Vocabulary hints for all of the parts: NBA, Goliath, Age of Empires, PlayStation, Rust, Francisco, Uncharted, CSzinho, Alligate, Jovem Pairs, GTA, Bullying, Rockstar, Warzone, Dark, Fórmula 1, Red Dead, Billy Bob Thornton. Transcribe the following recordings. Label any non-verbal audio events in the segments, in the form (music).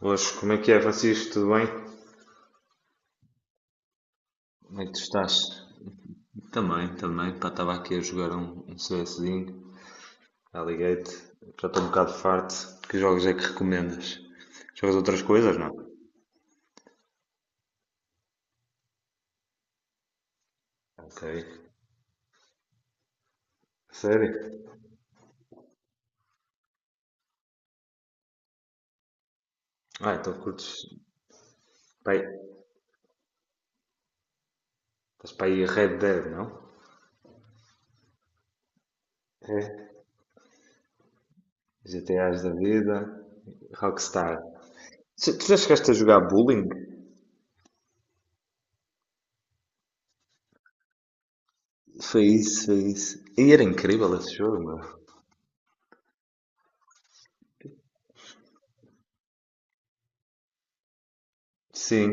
Hoje, como é que é, Francisco? Tudo bem? Como é que tu estás? Também, também. Pá, estava aqui a jogar um CSzinho, Alligate. Já estou um bocado farto. Que jogos é que recomendas? Jogas outras coisas, não? Ok. Sério? Ah, então curtes. Pai, estás para aí Red Dead, não? É. GTAs da vida, Rockstar. Tu já chegaste a jogar Bullying? Foi isso, foi isso. E era incrível esse jogo, meu. Sim.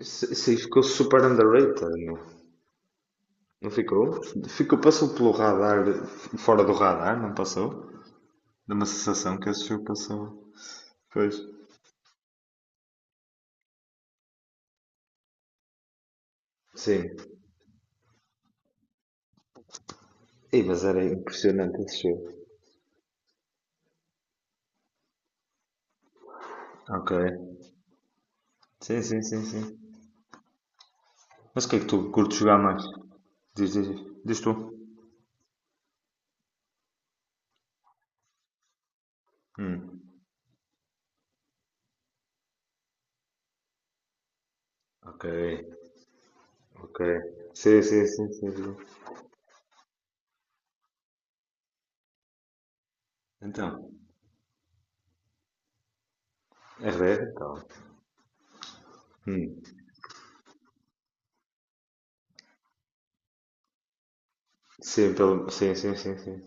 Isso aí ficou super underrated, meu. Não ficou? Ficou, passou pelo radar, fora do radar, não passou? Dá uma sensação que esse jogo passou. Pois. Sim. Ei, mas era impressionante esse jogo. Ok. Sim, sim, sim, sim. Mas o que é que tu curtes jogar mais? Diz, diz, diz tu. Hum. Ok, ok. Sim, sim, sim, sim, sim. Então, é rare? Então. Hum. Sim, sim, sim, sim, sim.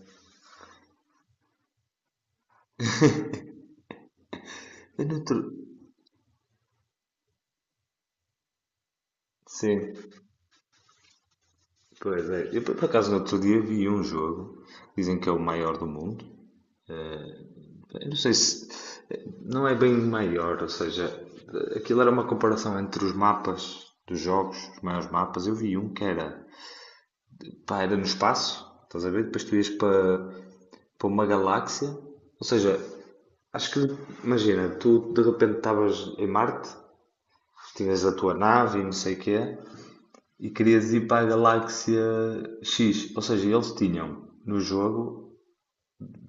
Eu no outro. Sim, pois é. Eu por acaso no outro dia vi um jogo, dizem que é o maior do mundo. Eu não sei se. Não é bem maior, ou seja, aquilo era uma comparação entre os mapas dos jogos, os maiores mapas. Eu vi um que era. Pá, era no espaço, estás a ver? Depois tu ias para, uma galáxia. Ou seja, acho que. Imagina, tu de repente estavas em Marte, tinhas a tua nave e não sei o que é, e querias ir para a galáxia X. Ou seja, eles tinham no jogo,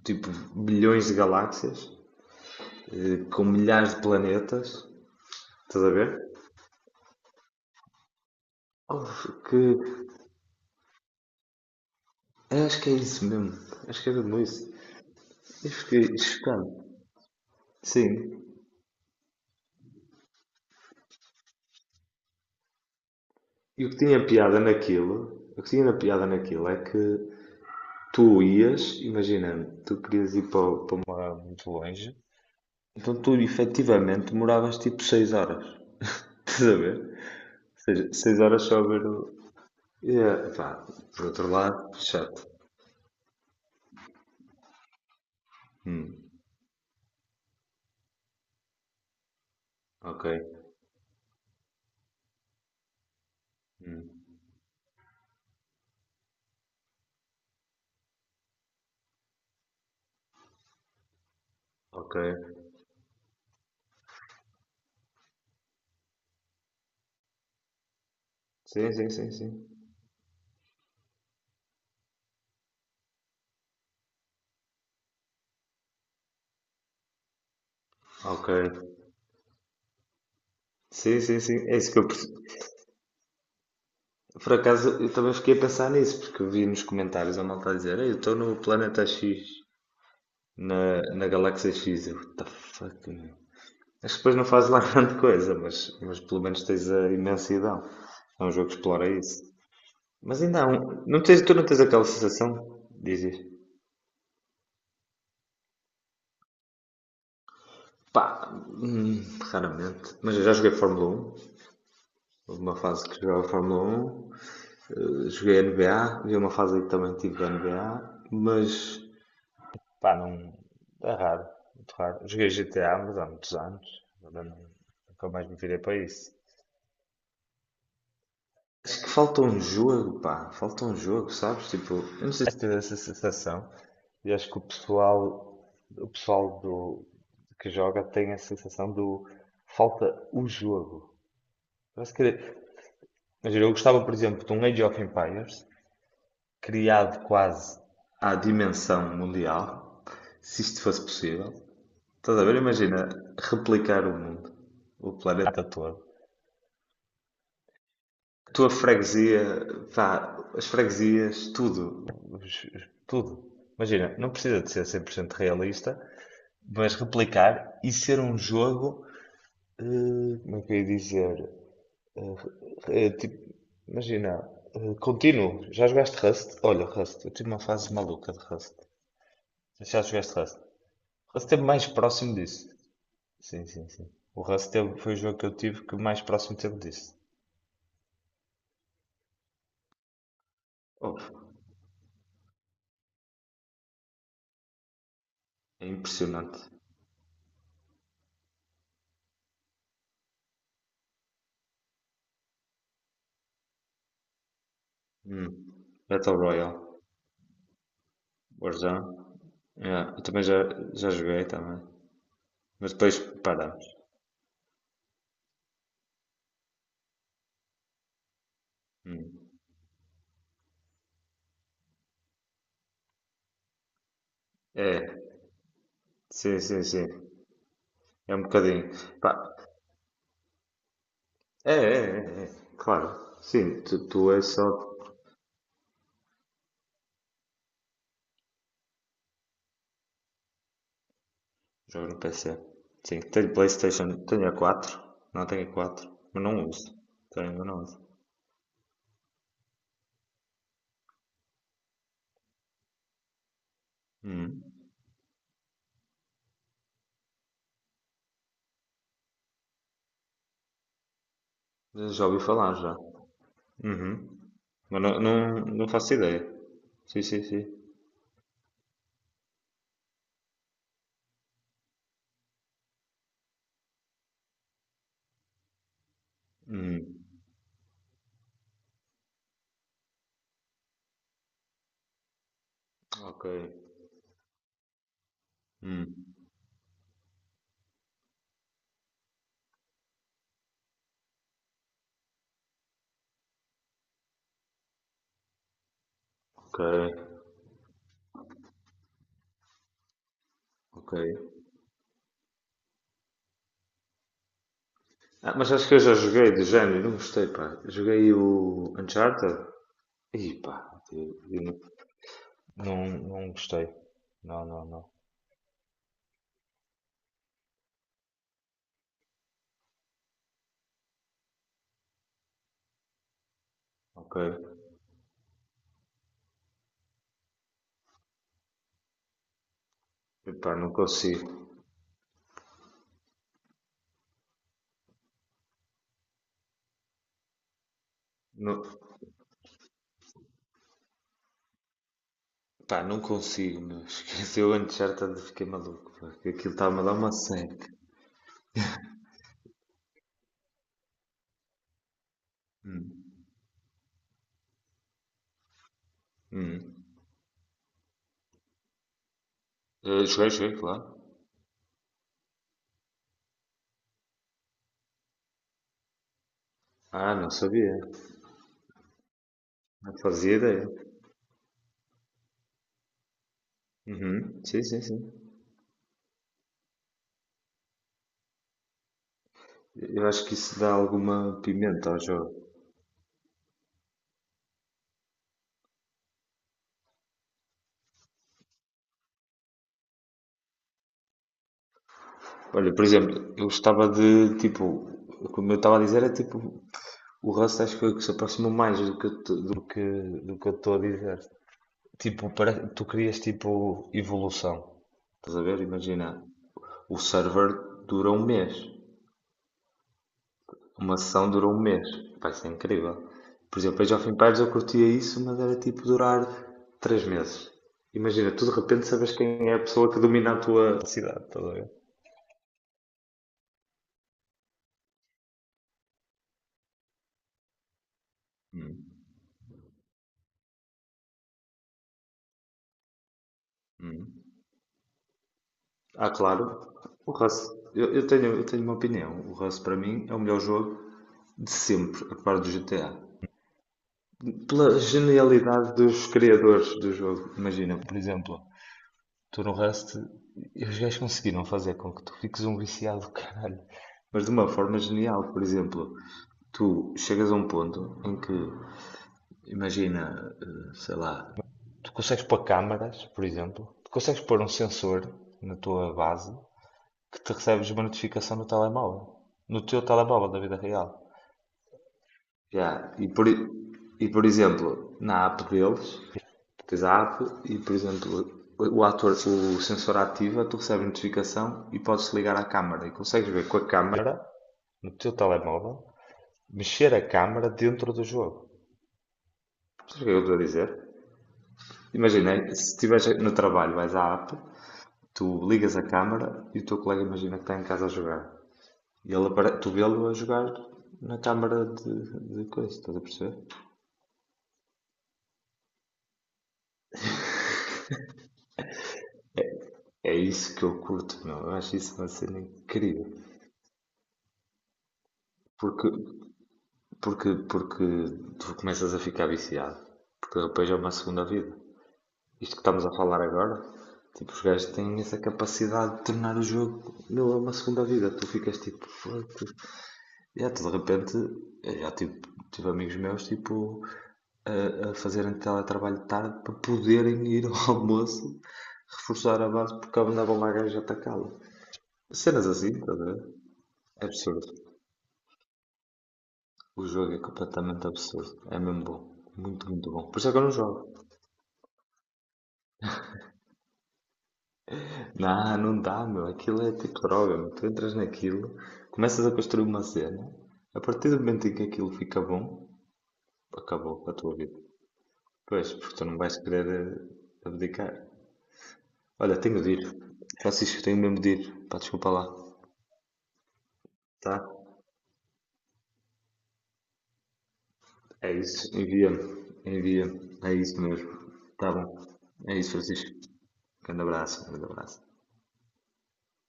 tipo, bilhões de galáxias, com milhares de planetas, estás a ver? Houve que. Acho que é isso mesmo. Acho que é mesmo isso. Eu fiquei chocado. Sim. E o que tinha piada naquilo, o que tinha na piada naquilo é que tu ias, imagina, tu querias ir para uma muito longe, então tu efetivamente demoravas tipo 6 horas. (laughs) Estás a ver? Ou seja, 6 horas só a ver o. É, pá, por outro lado, chato. Hum, ok, ok. Sim, sim, sim, sim. Ok. Sim, sim, sim. É isso que por acaso, eu também fiquei a pensar nisso, porque eu vi nos comentários a malta a dizer: "Ei, eu estou no planeta X, na galáxia X. Eu, what the fuck, meu? Acho que depois não faz lá (laughs) grande coisa, mas pelo menos tens a imensidão. É um jogo que explora isso. Mas ainda há um. Não tens, tu não tens aquela sensação? Dizes. Pá, raramente. Mas eu já joguei Fórmula 1. Houve uma fase que jogava Fórmula 1. Joguei NBA. Vi uma fase em que também tive NBA. Mas pá, não. É raro, muito raro. Joguei GTA, mas há muitos anos. Agora não, nunca mais me virei para isso. Acho que falta um jogo, pá. Falta um jogo, sabes? Tipo, eu não sei se tive essa sensação e acho que o pessoal do, que joga tem a sensação do falta o jogo. Parece que, imagina, eu gostava, por exemplo, de um Age of Empires criado quase à dimensão mundial, se isto fosse possível. Estás a ver? Imagina replicar o mundo, o planeta todo. Tua freguesia, pá, as freguesias, tudo, tudo. Imagina, não precisa de ser 100% realista, mas replicar e ser um jogo, como é que eu ia dizer? Tipo, imagina, contínuo. Já jogaste Rust? Olha, Rust, eu tive uma fase maluca de Rust. Já jogaste Rust? Rust é mais próximo disso. Sim, sim, sim. O Rust teve, foi o jogo que eu tive que mais próximo teve disso. Oh, é impressionante. Hum. Battle Royale, Warzone. Yeah, eu também já joguei também. Mas depois paramos. Hum. É, sim, sim, sim. É um bocadinho. Pá, é, é, é, é. Claro. Sim, tu és só. Jogo no PC. Sim, tenho PlayStation, tenho a quatro. Não tenho a quatro, mas não uso. Tenho, mas não uso. Hum. Já ouvi falar já. Uhum. Mas não, não, não faço ideia. Sim, sim, sim. Hum, ok. Hum, ok. Ok. Ah, mas acho que eu já joguei do género, não gostei, pá. Joguei o Uncharted. E pá, eu não, não gostei. Não, não, não. Ok. Pá, não consigo. Não, pá, não consigo, meu. (laughs) Esqueci o Uncharted, fiquei maluco, pá, que aquilo estava a dar uma seca. Hum, hum. Joguei, joguei, claro. Ah, não sabia. Não fazia ideia. Uhum. Sim, sim, sim. Eu acho que isso dá alguma pimenta ao jogo. Olha, por exemplo, eu gostava de, tipo, como eu estava a dizer, é tipo, o Rust acho que foi o que se aproximou mais do que, eu te- do que eu estou a dizer. Tipo, para, tu querias, tipo, evolução. Estás a ver? Imagina, o server dura um mês. Uma sessão durou um mês. Vai ser incrível. Por exemplo, a Jovem Pairs eu curtia isso, mas era tipo durar 3 meses. Imagina, tu de repente sabes quem é a pessoa que domina a tua cidade, estás a ver? Ah, claro. O Rust, eu tenho uma opinião. O Rust para mim é o melhor jogo de sempre, a par do GTA. Pela genialidade dos criadores do jogo. Imagina, por exemplo, tu no Rust, e os gajos conseguiram fazer com que tu fiques um viciado do caralho. Mas de uma forma genial, por exemplo. Tu chegas a um ponto em que, imagina, sei lá, tu consegues pôr câmaras, por exemplo. Tu consegues pôr um sensor na tua base que te recebes uma notificação no telemóvel. No teu telemóvel da vida real. Já, e por exemplo, na app deles, tens a app e, por exemplo, o ator, o sensor ativa, tu recebes notificação e podes ligar à câmara e consegues ver com a câmara. Câmara, no teu telemóvel, mexer a câmara dentro do jogo. Sabes o que é que eu estou a dizer? Imagina, se estiveres no trabalho, vais à app, tu ligas a câmara e o teu colega imagina que está em casa a jogar. E tu vê-lo a jogar na câmara de coisa, estás a perceber? É isso que eu curto, meu. Eu acho isso uma cena incrível. Porque, porque tu começas a ficar viciado. Porque depois é uma segunda vida. Isto que estamos a falar agora, tipo, os gajos têm essa capacidade de tornar o jogo, meu, é uma segunda vida. Tu ficas tipo, "Foda-se. E até de repente, eu já tive, tive amigos meus tipo, a fazerem teletrabalho de tarde para poderem ir ao almoço reforçar a base porque andava uma gaja a atacá-la. Cenas assim, estás a ver? É absurdo. O jogo é completamente absurdo. É mesmo bom. Muito, muito bom. Por isso é que eu não jogo. Não, não dá, meu. Aquilo é tipo droga, meu. Tu entras naquilo, começas a construir uma cena, a partir do momento em que aquilo fica bom, acabou a tua vida. Pois, porque tu não vais querer abdicar. Olha, tenho de ir. Francisco, tenho mesmo de ir. Pá, desculpa lá. Tá? É isso. Envia-me. Envia-me. É isso mesmo. Tá bom. É isso, Francisco. Grande abraço. Grande abraço.